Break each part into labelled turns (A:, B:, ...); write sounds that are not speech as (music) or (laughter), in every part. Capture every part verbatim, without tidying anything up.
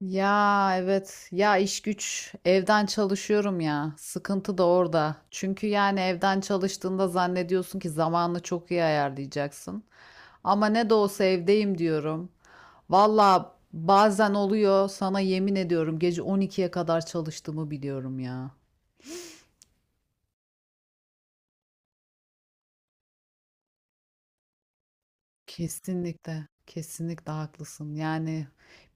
A: Ya evet ya iş güç evden çalışıyorum, ya sıkıntı da orada çünkü yani evden çalıştığında zannediyorsun ki zamanını çok iyi ayarlayacaksın ama ne de olsa evdeyim diyorum. Valla bazen oluyor, sana yemin ediyorum gece on ikiye kadar çalıştığımı biliyorum ya. Kesinlikle, kesinlikle haklısın. Yani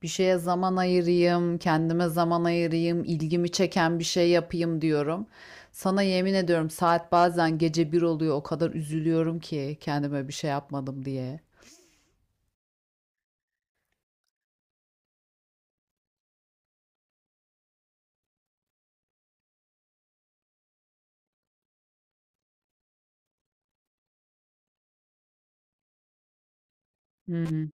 A: bir şeye zaman ayırayım, kendime zaman ayırayım, ilgimi çeken bir şey yapayım diyorum. Sana yemin ediyorum saat bazen gece bir oluyor, o kadar üzülüyorum ki kendime bir şey yapmadım diye. Hı.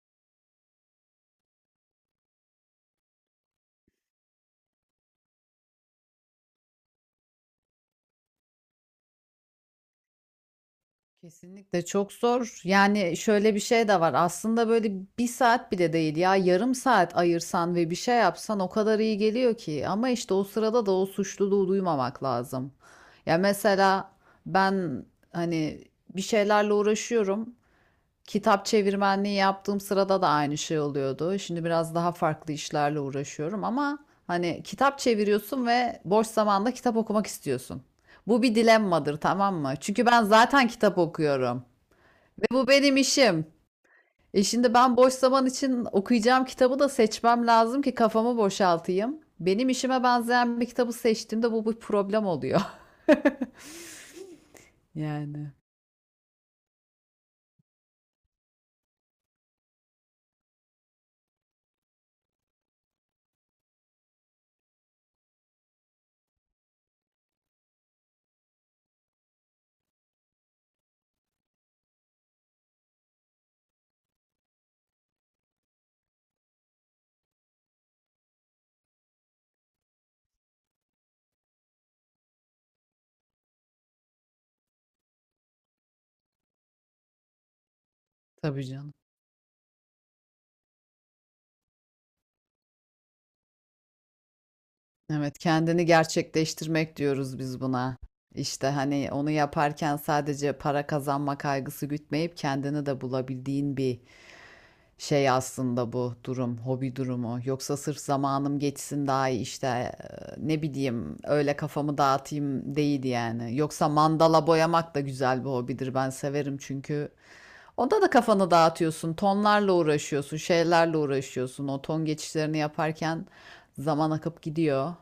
A: Kesinlikle çok zor. Yani şöyle bir şey de var. Aslında böyle bir saat bile değil ya, yarım saat ayırsan ve bir şey yapsan o kadar iyi geliyor ki. Ama işte o sırada da o suçluluğu duymamak lazım. Ya mesela ben hani bir şeylerle uğraşıyorum. Kitap çevirmenliği yaptığım sırada da aynı şey oluyordu. Şimdi biraz daha farklı işlerle uğraşıyorum ama hani kitap çeviriyorsun ve boş zamanda kitap okumak istiyorsun. Bu bir dilemmadır, tamam mı? Çünkü ben zaten kitap okuyorum ve bu benim işim. E şimdi ben boş zaman için okuyacağım kitabı da seçmem lazım ki kafamı boşaltayım. Benim işime benzeyen bir kitabı seçtiğimde bu bir problem oluyor. (laughs) Yani tabii canım. Evet, kendini gerçekleştirmek diyoruz biz buna. İşte hani onu yaparken sadece para kazanma kaygısı gütmeyip kendini de bulabildiğin bir şey aslında bu durum, hobi durumu. Yoksa sırf zamanım geçsin daha iyi işte, e, ne bileyim öyle kafamı dağıtayım değil yani. Yoksa mandala boyamak da güzel bir hobidir. Ben severim çünkü onda da kafanı dağıtıyorsun, tonlarla uğraşıyorsun, şeylerle uğraşıyorsun. O ton geçişlerini yaparken zaman akıp gidiyor.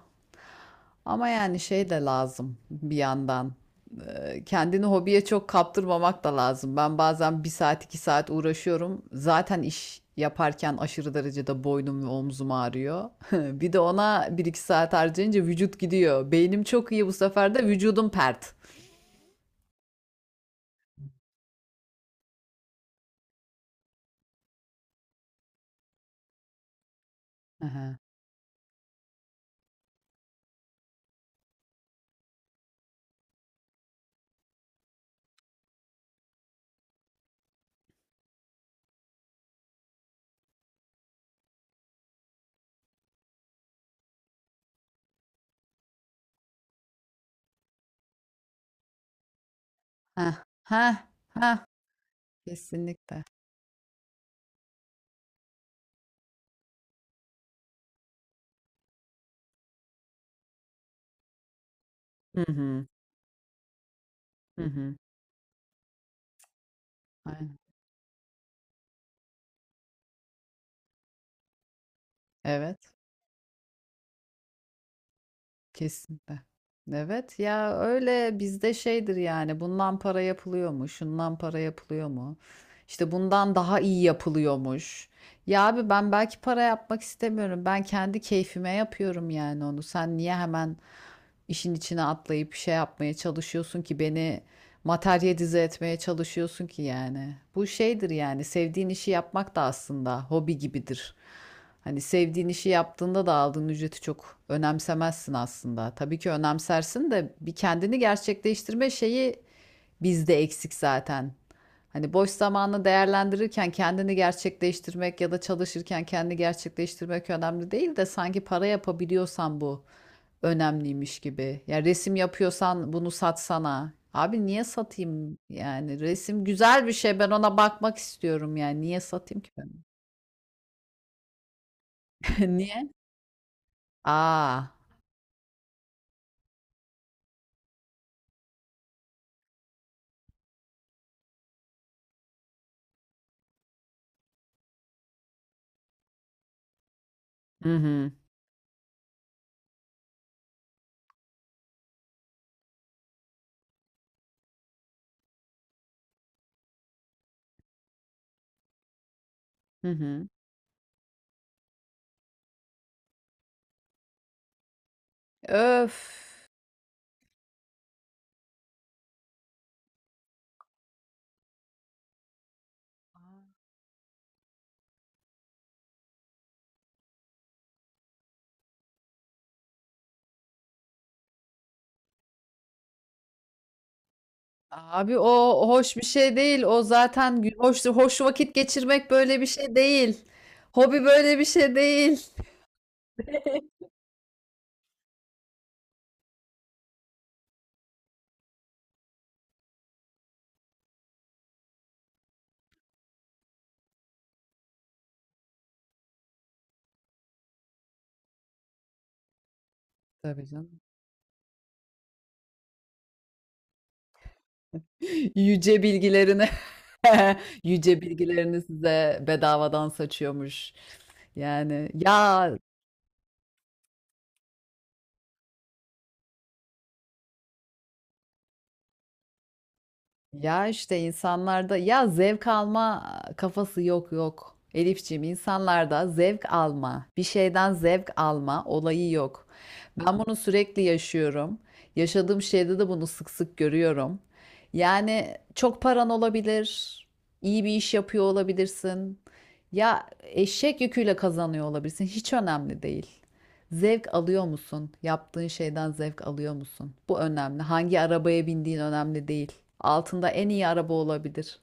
A: Ama yani şey de lazım bir yandan. Ee, Kendini hobiye çok kaptırmamak da lazım. Ben bazen bir saat iki saat uğraşıyorum. Zaten iş yaparken aşırı derecede boynum ve omzum ağrıyor. (laughs) Bir de ona bir iki saat harcayınca vücut gidiyor. Beynim çok iyi, bu sefer de vücudum pert. Aha. Ha ha ha, kesinlikle. Hı hı hı hı. Aynen. Evet. Kesinlikle. Evet ya, öyle bizde şeydir yani, bundan para yapılıyor mu? Şundan para yapılıyor mu? İşte bundan daha iyi yapılıyormuş. Ya abi, ben belki para yapmak istemiyorum. Ben kendi keyfime yapıyorum yani onu. Sen niye hemen işin içine atlayıp şey yapmaya çalışıyorsun ki, beni materyalize etmeye çalışıyorsun ki yani. Bu şeydir yani, sevdiğin işi yapmak da aslında hobi gibidir. Hani sevdiğin işi yaptığında da aldığın ücreti çok önemsemezsin aslında. Tabii ki önemsersin de bir kendini gerçekleştirme şeyi bizde eksik zaten. Hani boş zamanını değerlendirirken kendini gerçekleştirmek ya da çalışırken kendini gerçekleştirmek önemli değil de sanki para yapabiliyorsan bu önemliymiş gibi. Ya resim yapıyorsan bunu satsana. Abi niye satayım yani, resim güzel bir şey, ben ona bakmak istiyorum, yani niye satayım ki ben? (laughs) Niye? Aa. Hı hı. Hı hı. Öf. Abi o hoş bir şey değil. O zaten gü- hoş hoş vakit geçirmek böyle bir şey değil. Hobi böyle bir şey değil. (laughs) Tabii canım. Yüce bilgilerini (laughs) yüce bilgilerini size bedavadan saçıyormuş. Yani ya Ya işte insanlarda ya zevk alma kafası yok yok. Elifciğim, insanlarda zevk alma, bir şeyden zevk alma olayı yok. Ben bunu sürekli yaşıyorum. Yaşadığım şeyde de bunu sık sık görüyorum. Yani çok paran olabilir, iyi bir iş yapıyor olabilirsin. Ya eşek yüküyle kazanıyor olabilirsin. Hiç önemli değil. Zevk alıyor musun? Yaptığın şeyden zevk alıyor musun? Bu önemli. Hangi arabaya bindiğin önemli değil. Altında en iyi araba olabilir.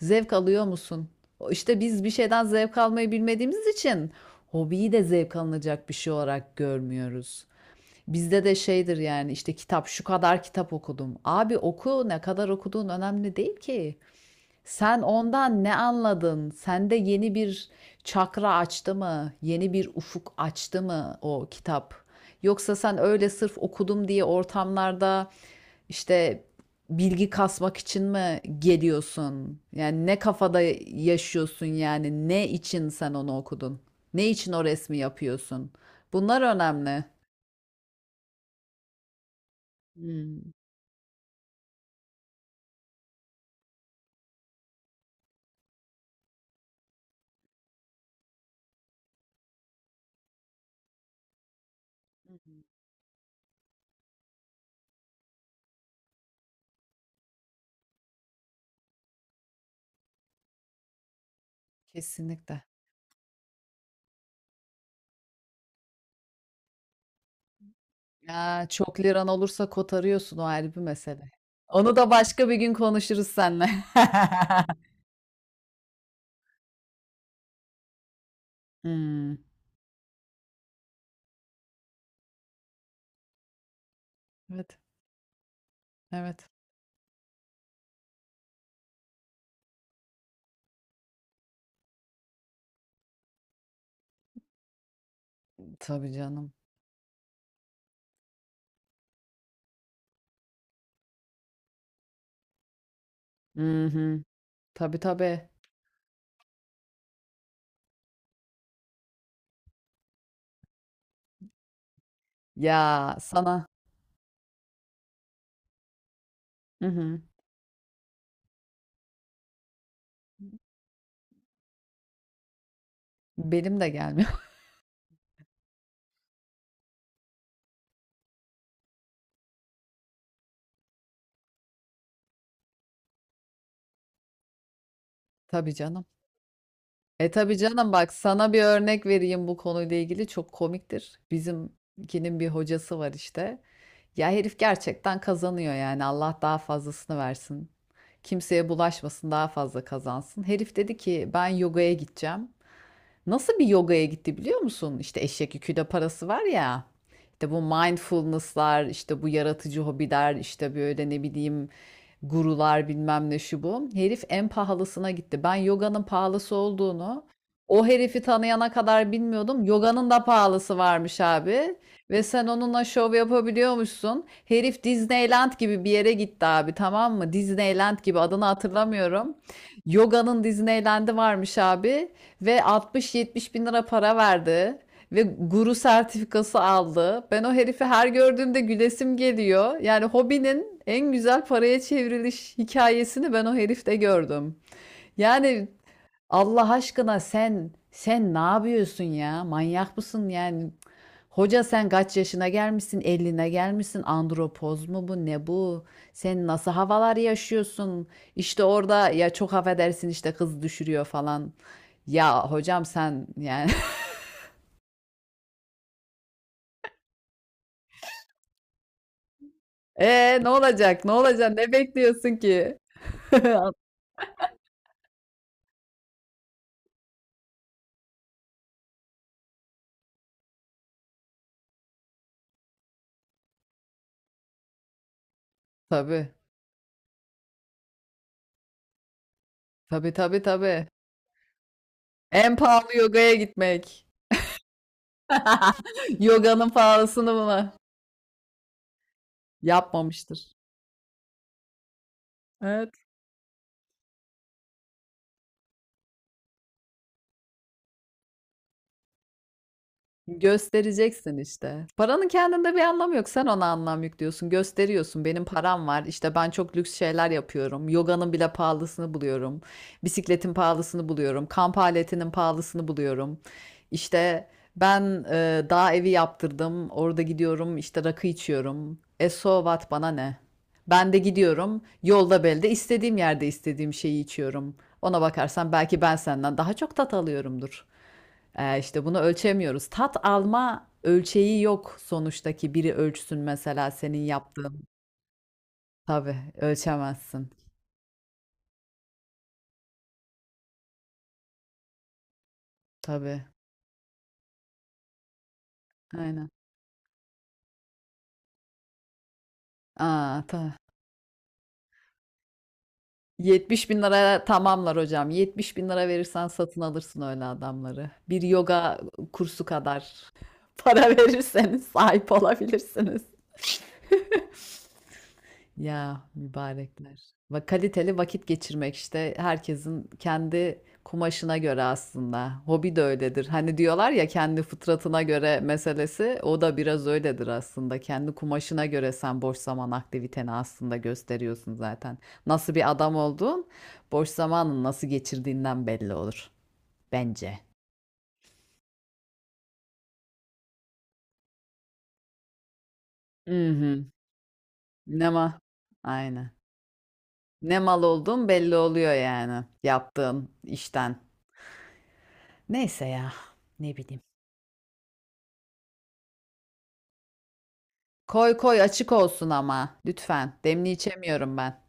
A: Zevk alıyor musun? İşte biz bir şeyden zevk almayı bilmediğimiz için hobiyi de zevk alınacak bir şey olarak görmüyoruz. Bizde de şeydir yani, işte kitap şu kadar kitap okudum. Abi oku, ne kadar okuduğun önemli değil ki. Sen ondan ne anladın? Sende yeni bir çakra açtı mı? Yeni bir ufuk açtı mı o kitap? Yoksa sen öyle sırf okudum diye ortamlarda işte bilgi kasmak için mi geliyorsun? Yani ne kafada yaşıyorsun yani? Ne için sen onu okudun? Ne için o resmi yapıyorsun? Bunlar önemli. Hmm. Kesinlikle. Ya, çok liran olursa kotarıyorsun, o ayrı bir mesele. Onu da başka bir gün konuşuruz seninle. (laughs) Hımm. Evet, evet. Tabii canım. Hı hı. Tabii, tabii. Ya, sana. Hı hı. Benim de gelmiyor. (laughs) Tabii canım. E, tabii canım. Bak, sana bir örnek vereyim bu konuyla ilgili, çok komiktir. Bizimkinin bir hocası var işte. Ya herif gerçekten kazanıyor yani. Allah daha fazlasını versin. Kimseye bulaşmasın, daha fazla kazansın. Herif dedi ki ben yogaya gideceğim. Nasıl bir yogaya gitti biliyor musun? İşte eşek yükü parası var ya. İşte bu mindfulness'lar, işte bu yaratıcı hobiler, işte böyle ne bileyim gurular bilmem ne şu bu. Herif en pahalısına gitti. Ben yoganın pahalısı olduğunu o herifi tanıyana kadar bilmiyordum. Yoganın da pahalısı varmış abi. Ve sen onunla şov yapabiliyormuşsun. Herif Disneyland gibi bir yere gitti abi, tamam mı? Disneyland gibi, adını hatırlamıyorum. Yoganın Disneyland'i varmış abi. Ve altmış yetmiş bin lira para verdi. Ve guru sertifikası aldı. Ben o herifi her gördüğümde gülesim geliyor. Yani hobinin en güzel paraya çevriliş hikayesini ben o herifte gördüm. Yani Allah aşkına, sen sen ne yapıyorsun ya? Manyak mısın yani? Hoca, sen kaç yaşına gelmişsin? ellisine gelmişsin. Andropoz mu bu? Ne bu? Sen nasıl havalar yaşıyorsun? İşte orada ya, çok affedersin, işte kız düşürüyor falan. Ya hocam sen yani. Ee ne olacak? Ne olacak? Ne bekliyorsun ki? (laughs) Tabii. Tabii tabii tabii. En pahalı yogaya gitmek. (laughs) Yoganın pahalısını mı? Yapmamıştır. Ee, Göstereceksin işte. Paranın kendinde bir anlamı yok. Sen ona anlam yüklüyorsun. Gösteriyorsun. Benim param var. İşte ben çok lüks şeyler yapıyorum. Yoganın bile pahalısını buluyorum. Bisikletin pahalısını buluyorum. Kamp aletinin pahalısını buluyorum. İşte ben e, dağ evi yaptırdım. Orada gidiyorum. İşte rakı içiyorum. E so what, bana ne? Ben de gidiyorum. Yolda belde istediğim yerde istediğim şeyi içiyorum. Ona bakarsan belki ben senden daha çok tat alıyorumdur. Ee, işte bunu ölçemiyoruz. Tat alma ölçeği yok sonuçta ki biri ölçsün mesela senin yaptığın. Tabii ölçemezsin. Tabii. Aynen. Aa, ta. yetmiş bin liraya tamamlar hocam. yetmiş bin lira verirsen satın alırsın öyle adamları. Bir yoga kursu kadar (laughs) para verirseniz sahip olabilirsiniz. (laughs) Ya mübarekler. Ve kaliteli vakit geçirmek işte herkesin kendi kumaşına göre aslında. Hobi de öyledir. Hani diyorlar ya kendi fıtratına göre meselesi, o da biraz öyledir aslında. Kendi kumaşına göre sen boş zaman aktiviteni aslında gösteriyorsun zaten. Nasıl bir adam olduğun boş zamanın nasıl geçirdiğinden belli olur bence. Mhm. Ne mal? Aynen. Ne mal olduğun belli oluyor yani yaptığın işten. Neyse ya, ne bileyim. Koy koy, açık olsun ama lütfen. Demli içemiyorum ben.